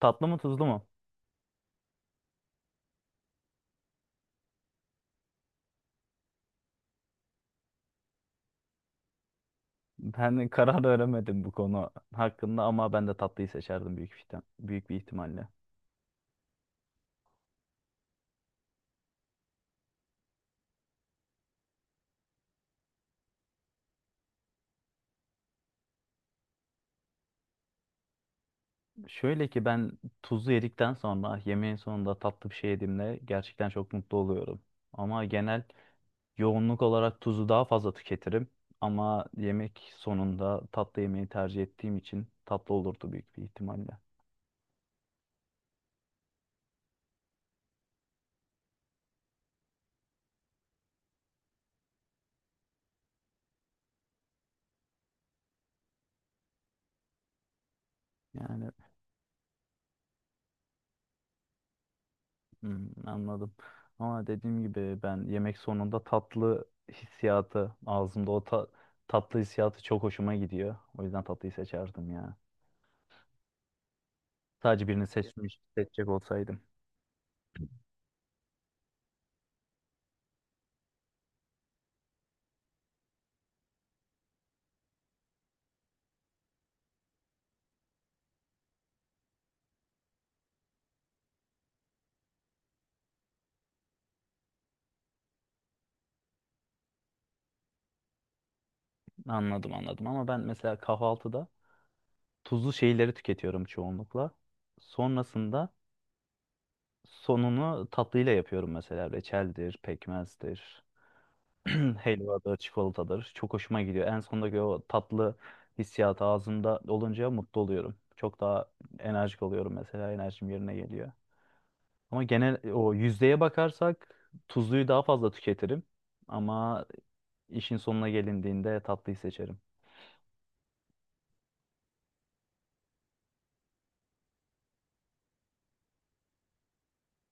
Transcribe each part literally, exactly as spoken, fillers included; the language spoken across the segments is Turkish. Tatlı mı tuzlu mu? Ben karar veremedim bu konu hakkında ama ben de tatlıyı seçerdim büyük bir ihtim- büyük bir ihtimalle. Şöyle ki ben tuzlu yedikten sonra yemeğin sonunda tatlı bir şey yediğimde gerçekten çok mutlu oluyorum. Ama genel yoğunluk olarak tuzu daha fazla tüketirim. Ama yemek sonunda tatlı yemeği tercih ettiğim için tatlı olurdu büyük bir ihtimalle. Yani hmm, anladım. Ama dediğim gibi ben yemek sonunda tatlı hissiyatı ağzımda o ta- tatlı hissiyatı çok hoşuma gidiyor. O yüzden tatlıyı seçerdim ya. Sadece birini seçmiş seçecek olsaydım. Anladım anladım, ama ben mesela kahvaltıda tuzlu şeyleri tüketiyorum çoğunlukla. Sonrasında sonunu tatlıyla yapıyorum, mesela reçeldir, pekmezdir, helvadır, çikolatadır. Çok hoşuma gidiyor. En sondaki o tatlı hissiyat ağzımda olunca mutlu oluyorum. Çok daha enerjik oluyorum mesela. Enerjim yerine geliyor. Ama genel o yüzdeye bakarsak tuzluyu daha fazla tüketirim. Ama işin sonuna gelindiğinde tatlıyı seçerim.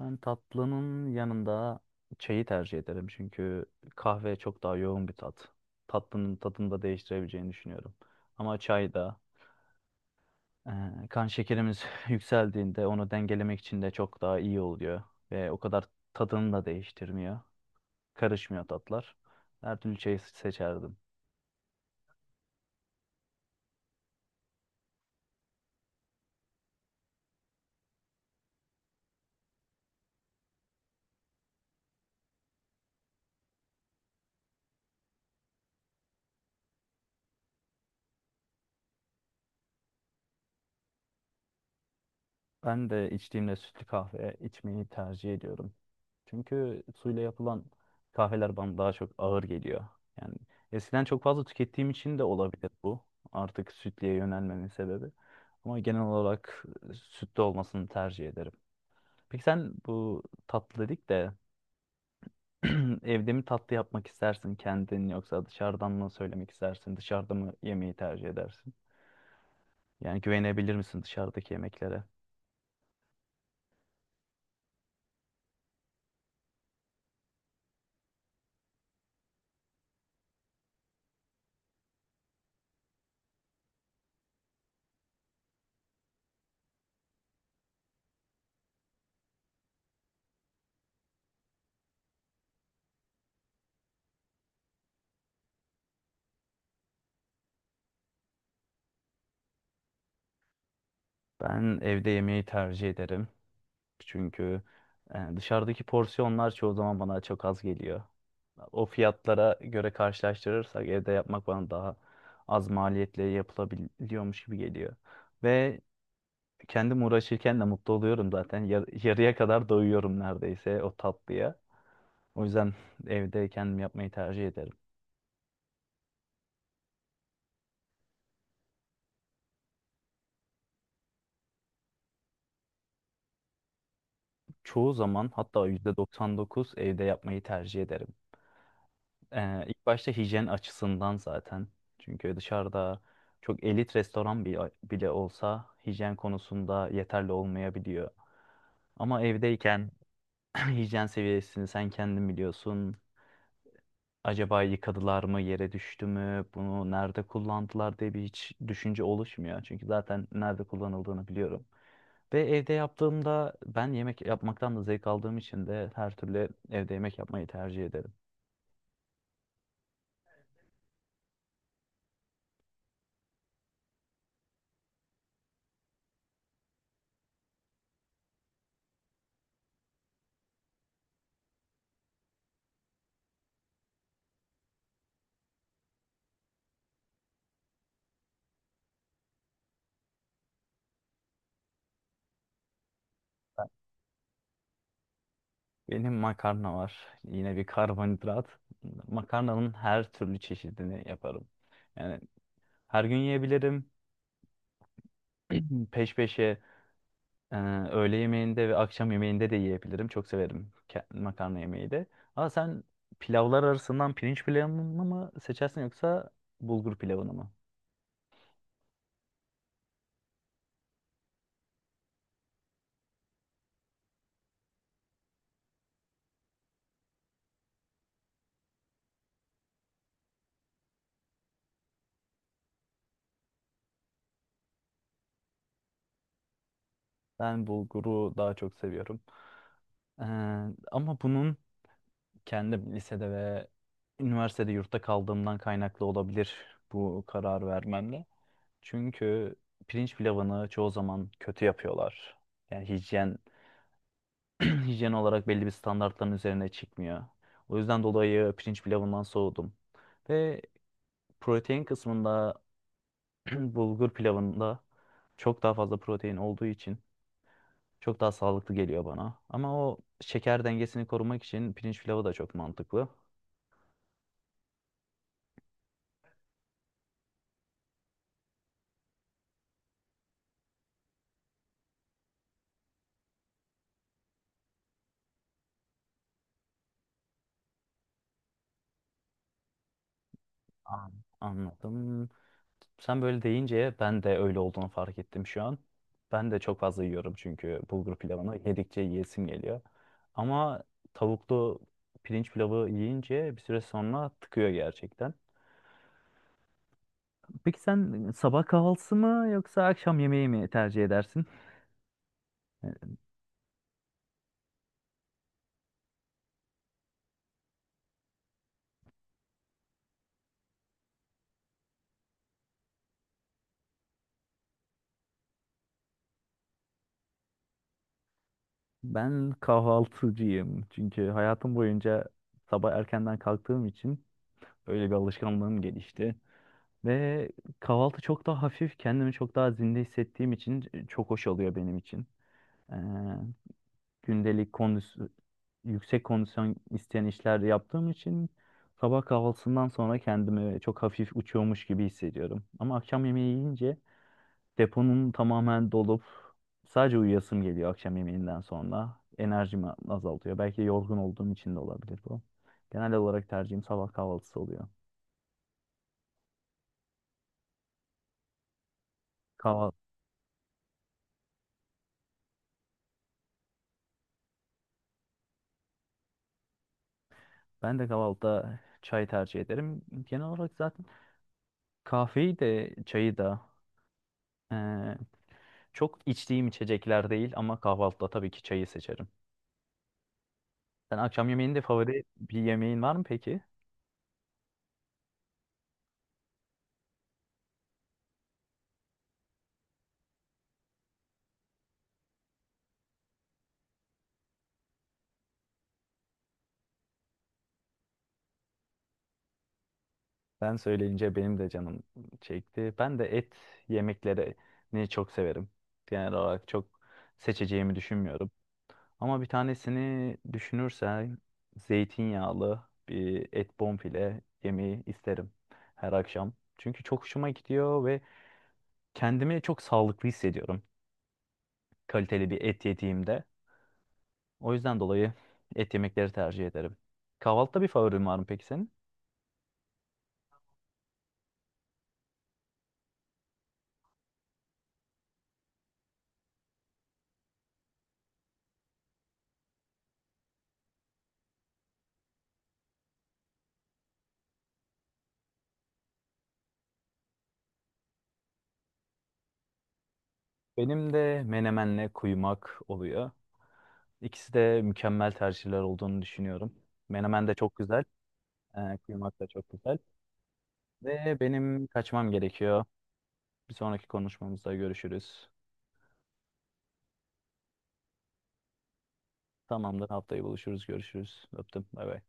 Ben tatlının yanında çayı tercih ederim. Çünkü kahve çok daha yoğun bir tat. Tatlının tadını da değiştirebileceğini düşünüyorum. Ama çay da Ee, kan şekerimiz yükseldiğinde onu dengelemek için de çok daha iyi oluyor. Ve o kadar tadını da değiştirmiyor. Karışmıyor tatlar. Her türlü çayı seçerdim. Ben de içtiğimde sütlü kahve içmeyi tercih ediyorum. Çünkü suyla yapılan kahveler bana daha çok ağır geliyor. Yani eskiden çok fazla tükettiğim için de olabilir bu. Artık sütlüye yönelmemin sebebi. Ama genel olarak sütlü olmasını tercih ederim. Peki sen, bu tatlı dedik de, evde mi tatlı yapmak istersin kendin, yoksa dışarıdan mı söylemek istersin? Dışarıda mı yemeği tercih edersin? Yani güvenebilir misin dışarıdaki yemeklere? Ben evde yemeği tercih ederim. Çünkü e, dışarıdaki porsiyonlar çoğu zaman bana çok az geliyor. O fiyatlara göre karşılaştırırsak evde yapmak bana daha az maliyetle yapılabiliyormuş gibi geliyor. Ve kendim uğraşırken de mutlu oluyorum zaten. Yar- yarıya kadar doyuyorum neredeyse o tatlıya. O yüzden evde kendim yapmayı tercih ederim. Çoğu zaman, hatta yüzde doksan dokuz, evde yapmayı tercih ederim. Ee, ilk başta hijyen açısından zaten. Çünkü dışarıda çok elit restoran bile, bile olsa hijyen konusunda yeterli olmayabiliyor. Ama evdeyken hijyen seviyesini sen kendin biliyorsun. Acaba yıkadılar mı, yere düştü mü, bunu nerede kullandılar diye bir hiç düşünce oluşmuyor. Çünkü zaten nerede kullanıldığını biliyorum. Ve evde yaptığımda ben yemek yapmaktan da zevk aldığım için de her türlü evde yemek yapmayı tercih ederim. Benim makarna var. Yine bir karbonhidrat. Makarnanın her türlü çeşidini yaparım. Yani her gün yiyebilirim. Peş peşe e, öğle yemeğinde ve akşam yemeğinde de yiyebilirim. Çok severim ke- makarna yemeği de. Ama sen pilavlar arasından pirinç pilavını mı seçersin, yoksa bulgur pilavını mı? Ben bulguru daha çok seviyorum. Ee, Ama bunun kendi lisede ve üniversitede yurtta kaldığımdan kaynaklı olabilir bu karar vermemle. Çünkü pirinç pilavını çoğu zaman kötü yapıyorlar. Yani hijyen hijyen olarak belli bir standartların üzerine çıkmıyor. O yüzden dolayı pirinç pilavından soğudum. Ve protein kısmında bulgur pilavında çok daha fazla protein olduğu için çok daha sağlıklı geliyor bana. Ama o şeker dengesini korumak için pirinç pilavı da çok mantıklı. An- Anladım. Sen böyle deyince ben de öyle olduğunu fark ettim şu an. Ben de çok fazla yiyorum, çünkü bulgur pilavını yedikçe yiyesim geliyor. Ama tavuklu pirinç pilavı yiyince bir süre sonra tıkıyor gerçekten. Peki sen sabah kahvaltısı mı yoksa akşam yemeği mi tercih edersin? Ben kahvaltıcıyım. Çünkü hayatım boyunca sabah erkenden kalktığım için öyle bir alışkanlığım gelişti. Ve kahvaltı çok daha hafif, kendimi çok daha zinde hissettiğim için çok hoş oluyor benim için. Ee, Gündelik kondisyon, yüksek kondisyon isteyen işler yaptığım için sabah kahvaltısından sonra kendimi çok hafif uçuyormuş gibi hissediyorum. Ama akşam yemeği yiyince deponun tamamen dolup sadece uyuyasım geliyor akşam yemeğinden sonra. Enerjimi azaltıyor. Belki yorgun olduğum için de olabilir bu. Genel olarak tercihim sabah kahvaltısı oluyor. Kahval Ben de kahvaltıda çay tercih ederim. Genel olarak zaten kahveyi de çayı da eee, çok içtiğim içecekler değil, ama kahvaltıda tabii ki çayı seçerim. Sen akşam yemeğinde favori bir yemeğin var mı peki? Sen söyleyince benim de canım çekti. Ben de et yemeklerini çok severim. Genel olarak çok seçeceğimi düşünmüyorum. Ama bir tanesini düşünürsen zeytinyağlı bir et bonfile yemeği isterim her akşam. Çünkü çok hoşuma gidiyor ve kendimi çok sağlıklı hissediyorum kaliteli bir et yediğimde. O yüzden dolayı et yemekleri tercih ederim. Kahvaltıda bir favorin var mı peki senin? Benim de menemenle kuymak oluyor. İkisi de mükemmel tercihler olduğunu düşünüyorum. Menemen de çok güzel, e, kuymak da çok güzel. Ve benim kaçmam gerekiyor. Bir sonraki konuşmamızda görüşürüz. Tamamdır. Haftaya buluşuruz. Görüşürüz. Öptüm. Bay bay.